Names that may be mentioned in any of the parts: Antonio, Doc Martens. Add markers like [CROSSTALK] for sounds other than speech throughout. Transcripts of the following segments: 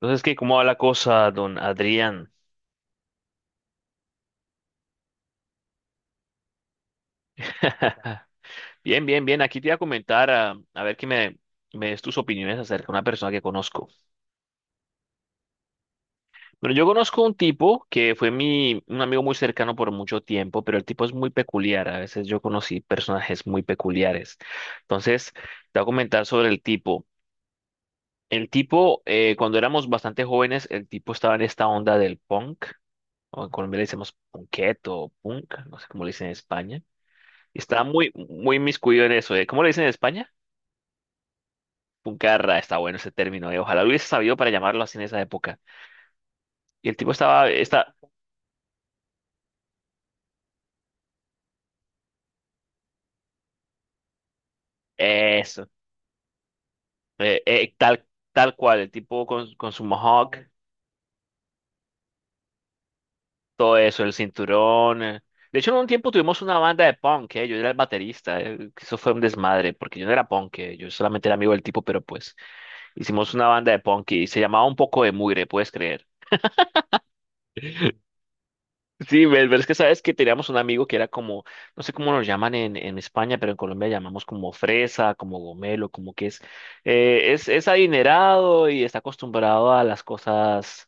Entonces, ¿qué? ¿Cómo va la cosa, don Adrián? [LAUGHS] Bien, bien, bien. Aquí te iba a comentar, a ver qué me des tus opiniones acerca de una persona que conozco. Bueno, yo conozco un tipo que fue un amigo muy cercano por mucho tiempo, pero el tipo es muy peculiar. A veces yo conocí personajes muy peculiares. Entonces, te voy a comentar sobre el tipo. El tipo, cuando éramos bastante jóvenes, el tipo estaba en esta onda del punk, o en Colombia le decimos punqueto o punk, no sé cómo le dicen en España. Está muy, muy inmiscuido en eso, ¿eh? ¿Cómo le dicen en España? Puncarra, está bueno ese término, ¿eh? Ojalá lo hubiese sabido para llamarlo así en esa época. Y el tipo está, eso, eh, eh, tal, tal cual, el tipo con, su mohawk, todo eso, el cinturón. De hecho, en un tiempo tuvimos una banda de punk, ¿eh? Yo era el baterista, ¿eh? Que eso fue un desmadre, porque yo no era punk, ¿eh? Yo solamente era amigo del tipo, pero pues hicimos una banda de punk y se llamaba Un poco de mugre, ¿puedes creer? Sí, pero es que sabes que teníamos un amigo que era como, no sé cómo nos llaman en, España, pero en Colombia llamamos como fresa, como gomelo, como que es, es adinerado y está acostumbrado a las cosas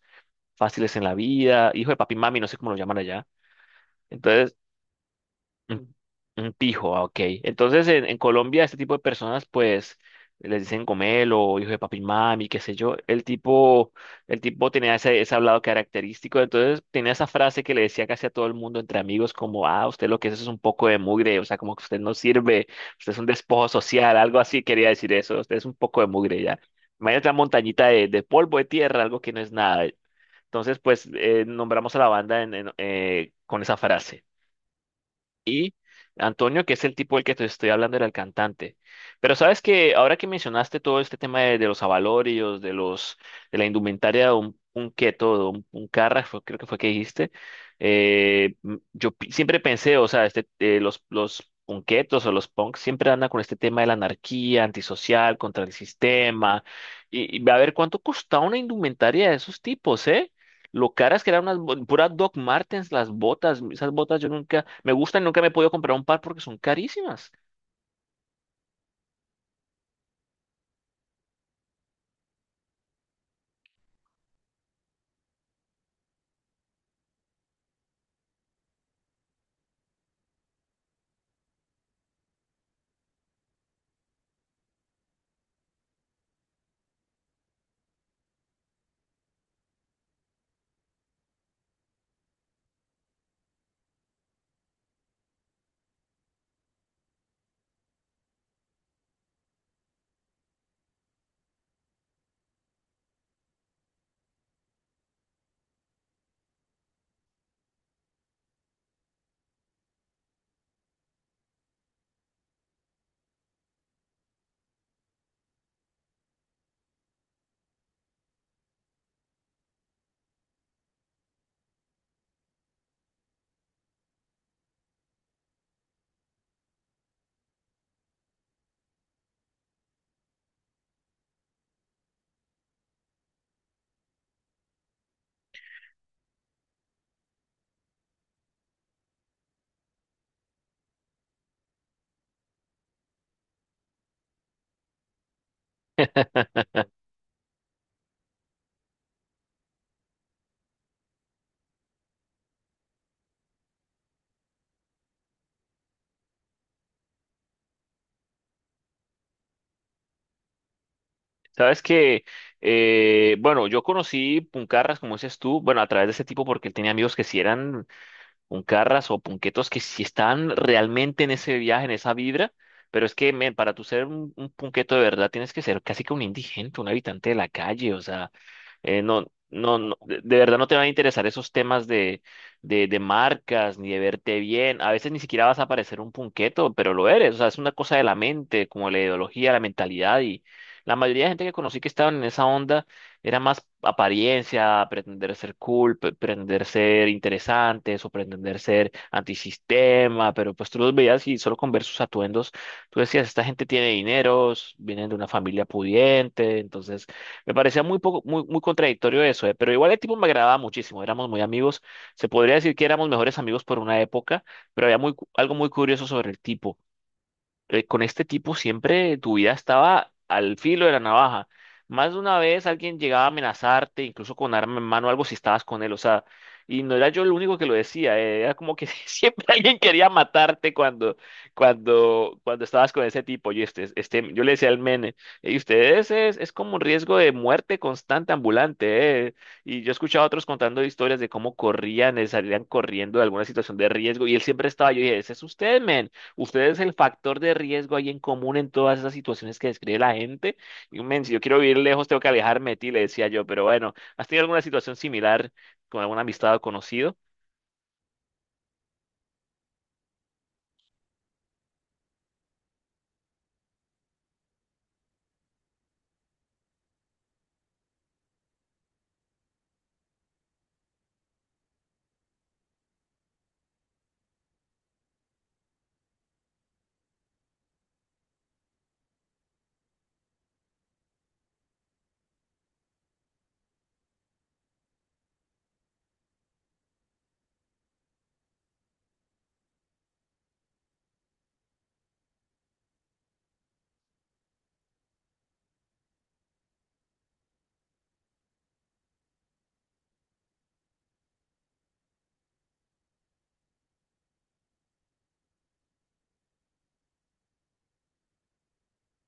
fáciles en la vida, hijo de papi y mami, no sé cómo lo llaman allá. Entonces, un, un, pijo, ah, ok. Entonces, en Colombia, este tipo de personas, pues, les dicen gomelo, hijo de papi y mami, qué sé yo. El tipo tenía ese hablado característico, entonces tenía esa frase que le decía casi a todo el mundo entre amigos, como, ah, usted lo que es un poco de mugre, o sea, como que usted no sirve, usted es un despojo social, algo así quería decir eso, usted es un poco de mugre ya. Imagínate una montañita de, polvo, de tierra, algo que no es nada. Entonces, pues, nombramos a la banda con esa frase. Antonio, que es el tipo del que te estoy hablando, era el cantante. Pero sabes que ahora que mencionaste todo este tema de, los abalorios, de la indumentaria de un, keto, de un carra, creo que fue que dijiste, siempre pensé, o sea, los punketos o los punks siempre andan con este tema de la anarquía, antisocial, contra el sistema. Y a ver cuánto costaba una indumentaria de esos tipos, ¿eh? Lo caras que eran unas puras Doc Martens, las botas, esas botas yo nunca me gustan, y nunca me he podido comprar un par porque son carísimas. [LAUGHS] Sabes que, bueno, yo conocí Puncarras, como dices tú, bueno, a través de ese tipo porque él tenía amigos que sí eran Puncarras o punquetos que sí están realmente en ese viaje, en esa vibra, pero es que, men, para tú ser un punqueto de verdad tienes que ser casi que un indigente, un habitante de la calle, o sea, no, no, no, de verdad no te van a interesar esos temas de, de marcas, ni de verte bien, a veces ni siquiera vas a parecer un punqueto, pero lo eres, o sea, es una cosa de la mente, como la ideología, la mentalidad, y la mayoría de gente que conocí que estaban en esa onda era más apariencia, pretender ser cool, pretender ser interesantes o pretender ser antisistema, pero pues tú los veías y solo con ver sus atuendos, tú decías, esta gente tiene dineros, vienen de una familia pudiente, entonces me parecía muy poco, muy, muy contradictorio eso, pero igual el tipo me agradaba muchísimo, éramos muy amigos, se podría decir que éramos mejores amigos por una época, pero había algo muy curioso sobre el tipo. Con este tipo siempre tu vida estaba al filo de la navaja. Más de una vez alguien llegaba a amenazarte, incluso con arma en mano, algo si estabas con él, o sea, y no era yo el único que lo decía, era como que [LAUGHS] siempre alguien quería matarte cuando, cuando estabas con ese tipo. Yo le decía al mene, y ustedes es, como un riesgo de muerte constante ambulante". Y yo escuchaba a otros contando historias de cómo corrían, salían corriendo de alguna situación de riesgo, y él siempre estaba, yo dije, ese es usted, men. Ustedes el factor de riesgo ahí en común en todas esas situaciones que describe la gente. Y, men, si yo quiero vivir lejos, tengo que alejarme de ti, le decía yo. Pero bueno, ¿has tenido alguna situación similar con alguna amistad o conocido?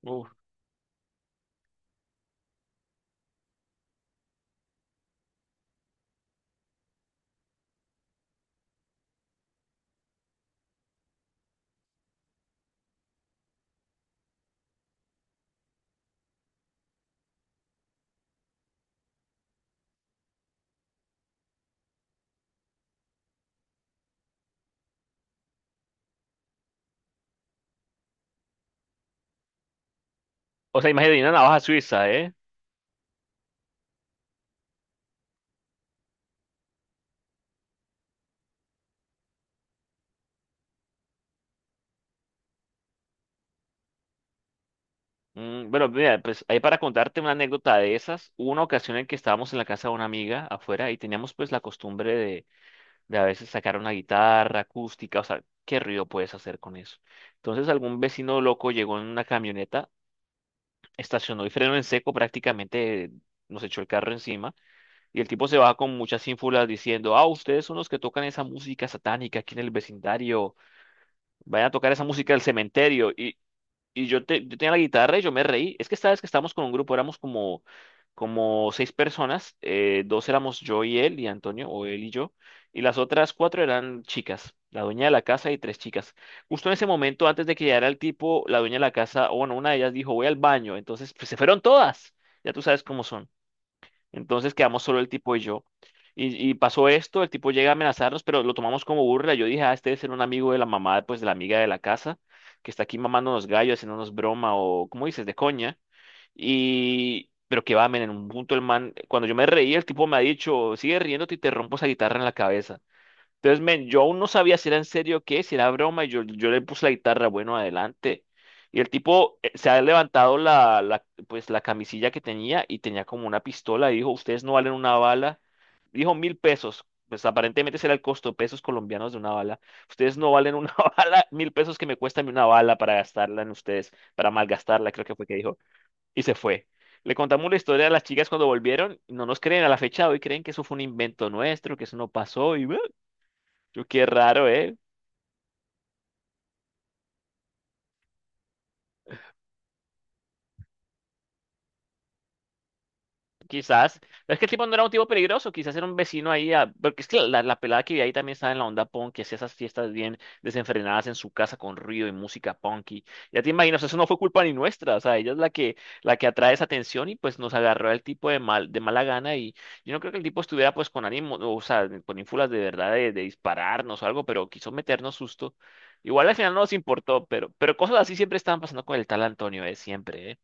Uf. O sea, imagínate una navaja suiza, ¿eh? Mm, bueno, mira, pues ahí para contarte una anécdota de esas, hubo una ocasión en que estábamos en la casa de una amiga afuera y teníamos pues la costumbre de, a veces sacar una guitarra acústica, o sea, ¿qué ruido puedes hacer con eso? Entonces algún vecino loco llegó en una camioneta, estacionó y frenó en seco, prácticamente nos echó el carro encima. Y el tipo se baja con muchas ínfulas diciendo, ah, ustedes son los que tocan esa música satánica aquí en el vecindario, vayan a tocar esa música del cementerio. Y yo, yo tenía la guitarra y yo me reí. Es que esta vez que estábamos con un grupo, éramos como seis personas. Dos éramos yo y él y Antonio, o él y yo. Y las otras cuatro eran chicas. La dueña de la casa y tres chicas. Justo en ese momento, antes de que llegara el tipo, la dueña de la casa, o bueno, una de ellas dijo, voy al baño. Entonces, pues se fueron todas. Ya tú sabes cómo son. Entonces quedamos solo el tipo y yo. Y pasó esto, el tipo llega a amenazarnos, pero lo tomamos como burla. Yo dije, ah, este debe ser un amigo de la mamá, pues de la amiga de la casa, que está aquí mamándonos gallos, haciéndonos broma o, ¿cómo dices?, de coña. Y, pero que va, men, en un punto el man, cuando yo me reí, el tipo me ha dicho, sigue riéndote y te rompo esa guitarra en la cabeza. Entonces, men, yo aún no sabía si era en serio o qué, si era broma, y yo, le puse la guitarra, bueno, adelante. Y el tipo, se ha levantado pues, la camisilla que tenía y tenía como una pistola, y dijo, ustedes no valen una bala. Dijo mil pesos, pues aparentemente ese era el costo, pesos colombianos de una bala. Ustedes no valen una [LAUGHS] bala, mil pesos que me cuesta a mí una bala para gastarla en ustedes, para malgastarla, creo que fue que dijo. Y se fue. Le contamos la historia a las chicas cuando volvieron, y no nos creen a la fecha de hoy, creen que eso fue un invento nuestro, que eso no pasó, y... Yo, qué raro, ¿eh? Quizás. Es que el tipo no era un tipo peligroso, quizás era un vecino ahí. Porque es que la, pelada que vi ahí también estaba en la onda punk, que hacía esas fiestas bien desenfrenadas en su casa con ruido y música punky. Ya te imaginas, eso no fue culpa ni nuestra. O sea, ella es la que, atrae esa atención y pues nos agarró el tipo de mala gana. Y yo no creo que el tipo estuviera pues con ánimo, o sea, con ínfulas de verdad de, dispararnos o algo, pero quiso meternos susto. Igual al final no nos importó, pero cosas así siempre estaban pasando con el tal Antonio, ¿eh? Siempre, ¿eh?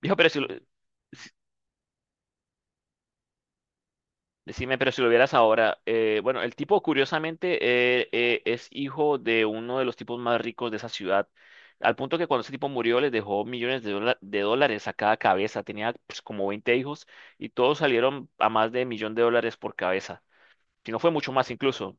Dijo, pero si lo- Decime, pero si lo vieras ahora, bueno, el tipo curiosamente, es hijo de uno de los tipos más ricos de esa ciudad, al punto que cuando ese tipo murió les dejó millones de, de dólares a cada cabeza, tenía pues, como 20 hijos y todos salieron a más de millón de dólares por cabeza, si no fue mucho más incluso.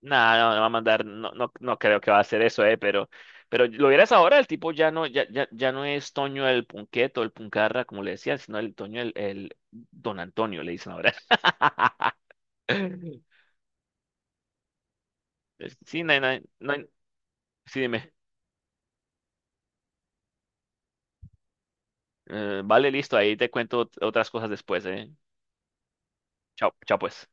Nada, no, no va a mandar, no, no, no creo que va a hacer eso, pero, lo vieras ahora, el tipo ya no, ya no es Toño el Punqueto, el Puncarra, como le decían, sino el Toño el Don Antonio, le dicen ahora. [LAUGHS] [LAUGHS] Sí, no hay- no hay- no hay- sí, dime. Vale, listo, ahí te cuento otras cosas después, ¿eh? Chao, chao pues.